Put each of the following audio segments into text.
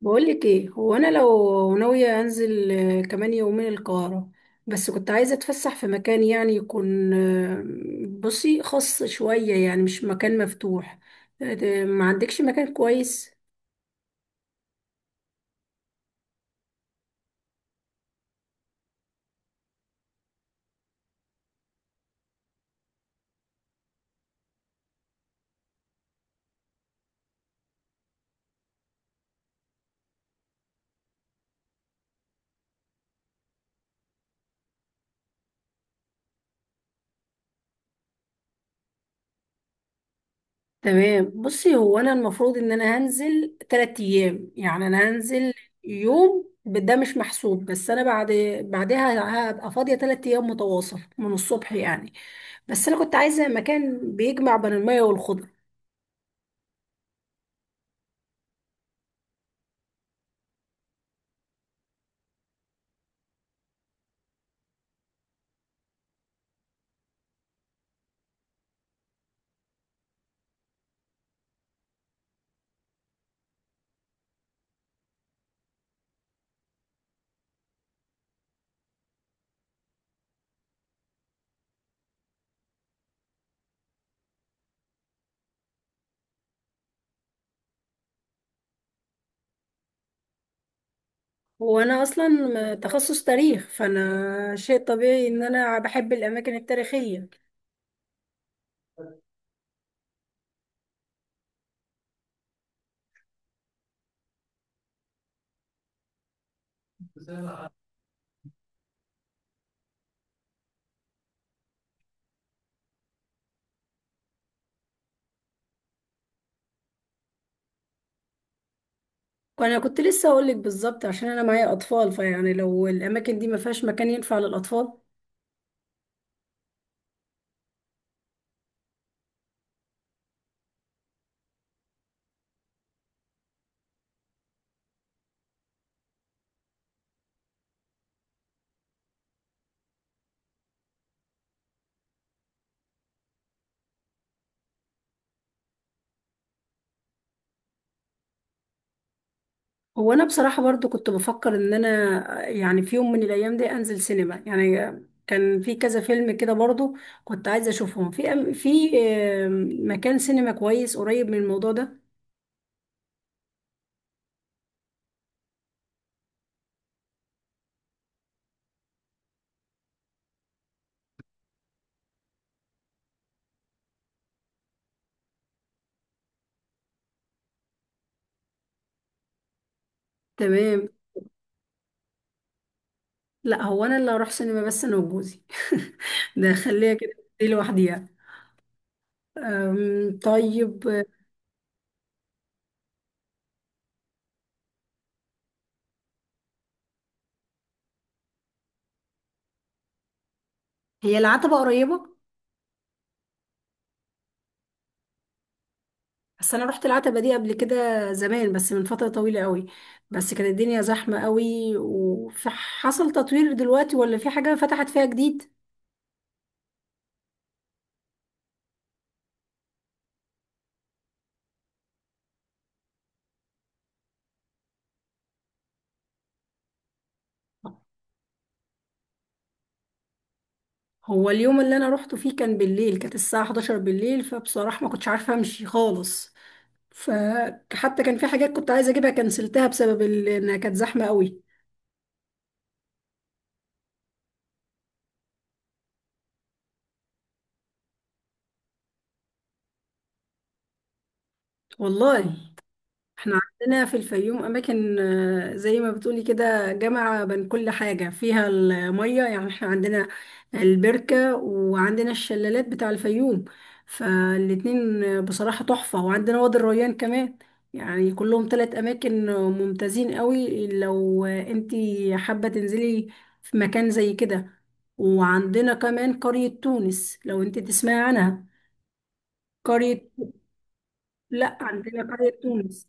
بقولك ايه؟ هو انا لو ناوية انزل كمان يومين القاهرة، بس كنت عايزة اتفسح في مكان، يعني يكون بصي خاص شوية، يعني مش مكان مفتوح. ما عندكش مكان كويس؟ تمام. بصي هو انا المفروض ان انا هنزل تلات ايام، يعني انا هنزل يوم ده مش محسوب، بس انا بعدها هبقى فاضية تلات ايام متواصل من الصبح، يعني بس انا كنت عايزة مكان بيجمع بين المية والخضرة. هو انا اصلا تخصص تاريخ، فانا شيء طبيعي ان انا بحب الاماكن التاريخيه. وانا كنت لسه اقول لك بالظبط، عشان انا معايا اطفال، فيعني لو الاماكن دي ما فيهاش مكان ينفع للاطفال. هو انا بصراحه برضو كنت بفكر ان انا يعني في يوم من الايام دي انزل سينما، يعني كان في كذا فيلم كده برضو كنت عايزه اشوفهم في أم- في آم، مكان سينما كويس قريب من الموضوع ده. تمام. لا، هو انا اللي هروح سينما بس انا وجوزي. ده خليها كده، دي لوحديها. طيب، هي العتبة قريبة؟ بس أنا رحت العتبة دي قبل كده زمان، بس من فترة طويلة قوي. بس كانت الدنيا زحمة قوي، وحصل تطوير دلوقتي، ولا في حاجة فتحت فيها جديد؟ هو اليوم اللي أنا روحته فيه كان بالليل، كانت الساعة 11 بالليل، فبصراحة ما كنتش عارفة أمشي خالص، فحتى كان في حاجات كنت عايزة أجيبها كنسلتها بسبب إنها كانت زحمة قوي. والله احنا عندنا في الفيوم اماكن، زي ما بتقولي كده، جامعة بين كل حاجة فيها المية، يعني احنا عندنا البركة، وعندنا الشلالات بتاع الفيوم، فالاتنين بصراحة تحفة، وعندنا وادي الريان كمان. يعني كلهم تلات اماكن ممتازين قوي، لو انتي حابة تنزلي في مكان زي كده. وعندنا كمان قرية تونس، لو انتي تسمعي عنها، قرية. لا عندنا قرية تونس.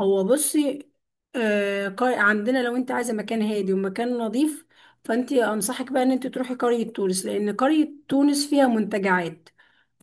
هو بصي، عندنا لو انت عايزه مكان هادي ومكان نظيف، فانت انصحك بقى ان انت تروحي قريه تونس، لان قريه تونس فيها منتجعات،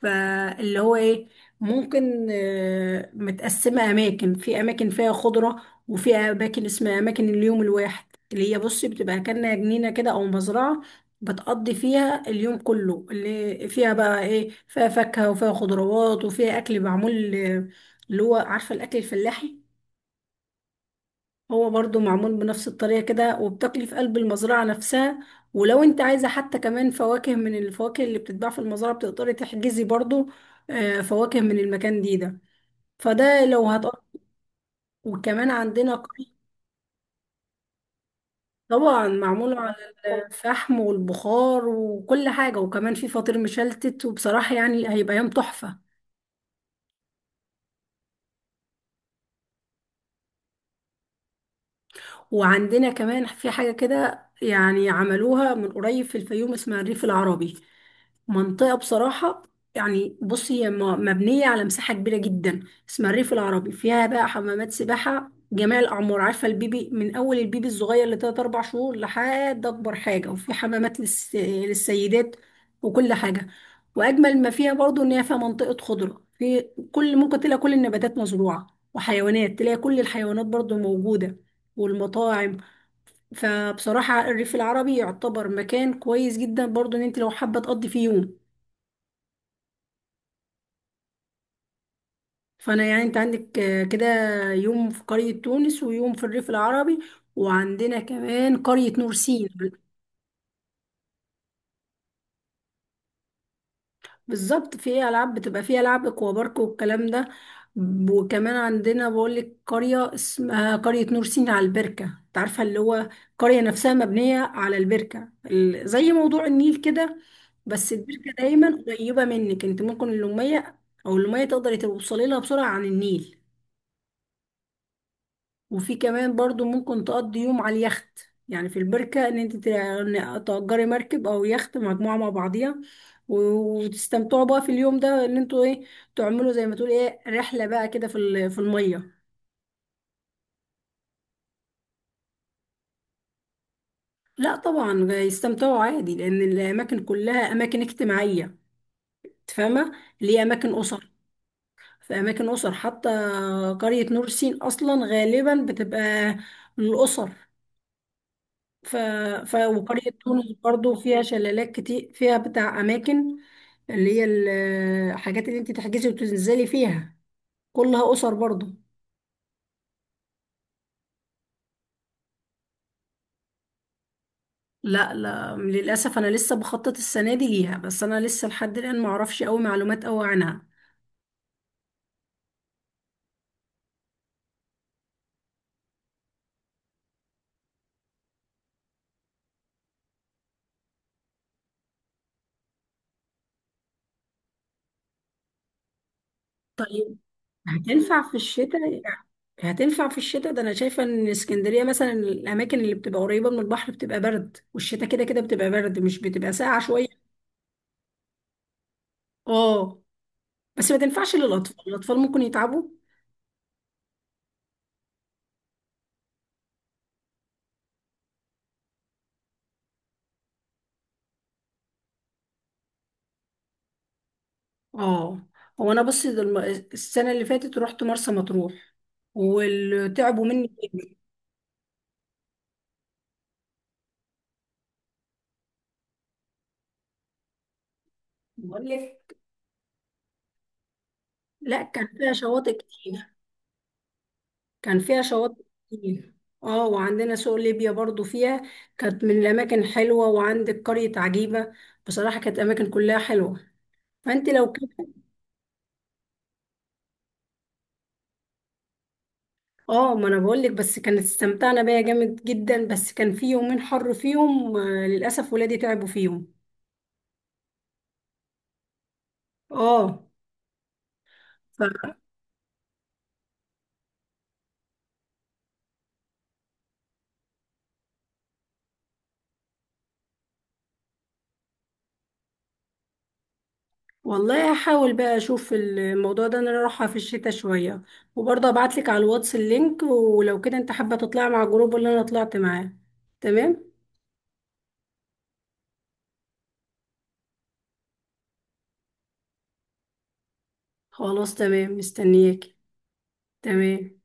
فاللي هو ايه، ممكن متقسمه اماكن، في اماكن فيها خضره، وفي اماكن اسمها اماكن اليوم الواحد، اللي هي بصي بتبقى كأنها جنينه كده، او مزرعه بتقضي فيها اليوم كله، اللي فيها بقى ايه، فيها فاكهه وفيها خضروات وفيها اكل معمول، اللي هو عارفه الاكل الفلاحي. هو برضو معمول بنفس الطريقة كده، وبتاكلي في قلب المزرعة نفسها. ولو انت عايزة حتى كمان فواكه من الفواكه اللي بتتباع في المزرعة، بتقدري تحجزي برضو فواكه من المكان دي ده. فده لو هتقضي. وكمان عندنا قري. طبعا معمول على الفحم والبخار وكل حاجة، وكمان في فطير مشلتت، وبصراحة يعني هيبقى يوم تحفة. وعندنا كمان في حاجة كده، يعني عملوها من قريب في الفيوم، اسمها الريف العربي، منطقة بصراحة، يعني بصي هي مبنية على مساحة كبيرة جدا، اسمها الريف العربي، فيها بقى حمامات سباحة جميع الأعمار، عارفة البيبي من أول البيبي الصغير لتلات أربع شهور لحد أكبر حاجة، وفي حمامات للسيدات وكل حاجة. وأجمل ما فيها برضو إن هي فيها منطقة خضرة، في كل ممكن تلاقي كل النباتات مزروعة، وحيوانات، تلاقي كل الحيوانات برضو موجودة، والمطاعم. فبصراحة الريف العربي يعتبر مكان كويس جدا برضو ان انت لو حابة تقضي فيه يوم. فانا يعني انت عندك كده يوم في قرية تونس، ويوم في الريف العربي، وعندنا كمان قرية نورسين. بالظبط في ايه العاب، بتبقى فيها العاب اكوا بارك والكلام ده. وكمان عندنا بقولك قريه اسمها قريه نور سينا على البركه، انت عارفه اللي هو قريه نفسها مبنيه على البركه، زي موضوع النيل كده، بس البركه دايما قريبه منك، انت ممكن اللوميه او اللوميه تقدري توصلي لها بسرعه عن النيل. وفي كمان برضو ممكن تقضي يوم على اليخت، يعني في البركة، ان انت تأجري مركب او يخت مجموعة مع بعضيها وتستمتعوا بقى في اليوم ده، ان انتوا ايه، تعملوا زي ما تقول ايه، رحلة بقى كده في في المية. لا طبعا يستمتعوا عادي، لان الاماكن كلها اماكن اجتماعية، تفهمة، ليه اماكن اسر، في اماكن اسر حتى، قرية نور سين اصلا غالبا بتبقى للاسر. ف... وقرية تونس برضو فيها شلالات كتير، فيها بتاع أماكن، اللي هي الحاجات اللي انت تحجزي وتنزلي فيها كلها أسر برضو. لا لا، للأسف أنا لسه بخطط السنة دي ليها، بس أنا لسه لحد الآن معرفش أوي معلومات أوي عنها. طيب هتنفع في الشتاء؟ هتنفع في الشتاء ده؟ أنا شايفة إن اسكندرية مثلا الأماكن اللي بتبقى قريبة من البحر بتبقى برد، والشتاء كده كده بتبقى برد، مش بتبقى ساقعة شوية. اه، بس ما تنفعش للأطفال، الأطفال ممكن يتعبوا. اه، هو انا بصي ده السنه اللي فاتت رحت مرسى مطروح وتعبوا مني جدا. بقول لك، لا كان فيها شواطئ كتير، كان فيها شواطئ كتير. اه، وعندنا سوق ليبيا برضو فيها، كانت من الاماكن حلوه، وعندك قريه عجيبه، بصراحه كانت اماكن كلها حلوه، فانت لو كده. اه ما انا بقول لك، بس كانت استمتعنا بيها جامد جدا، بس كان في يومين حر فيهم، للاسف ولادي تعبوا فيهم. اه. والله هحاول بقى اشوف الموضوع ده، إن انا رايحه في الشتاء شويه، وبرضه ابعت لك على الواتس اللينك، ولو كده انت حابه تطلعي مع الجروب اللي انا طلعت معاه. تمام. خلاص تمام، مستنياكي. تمام.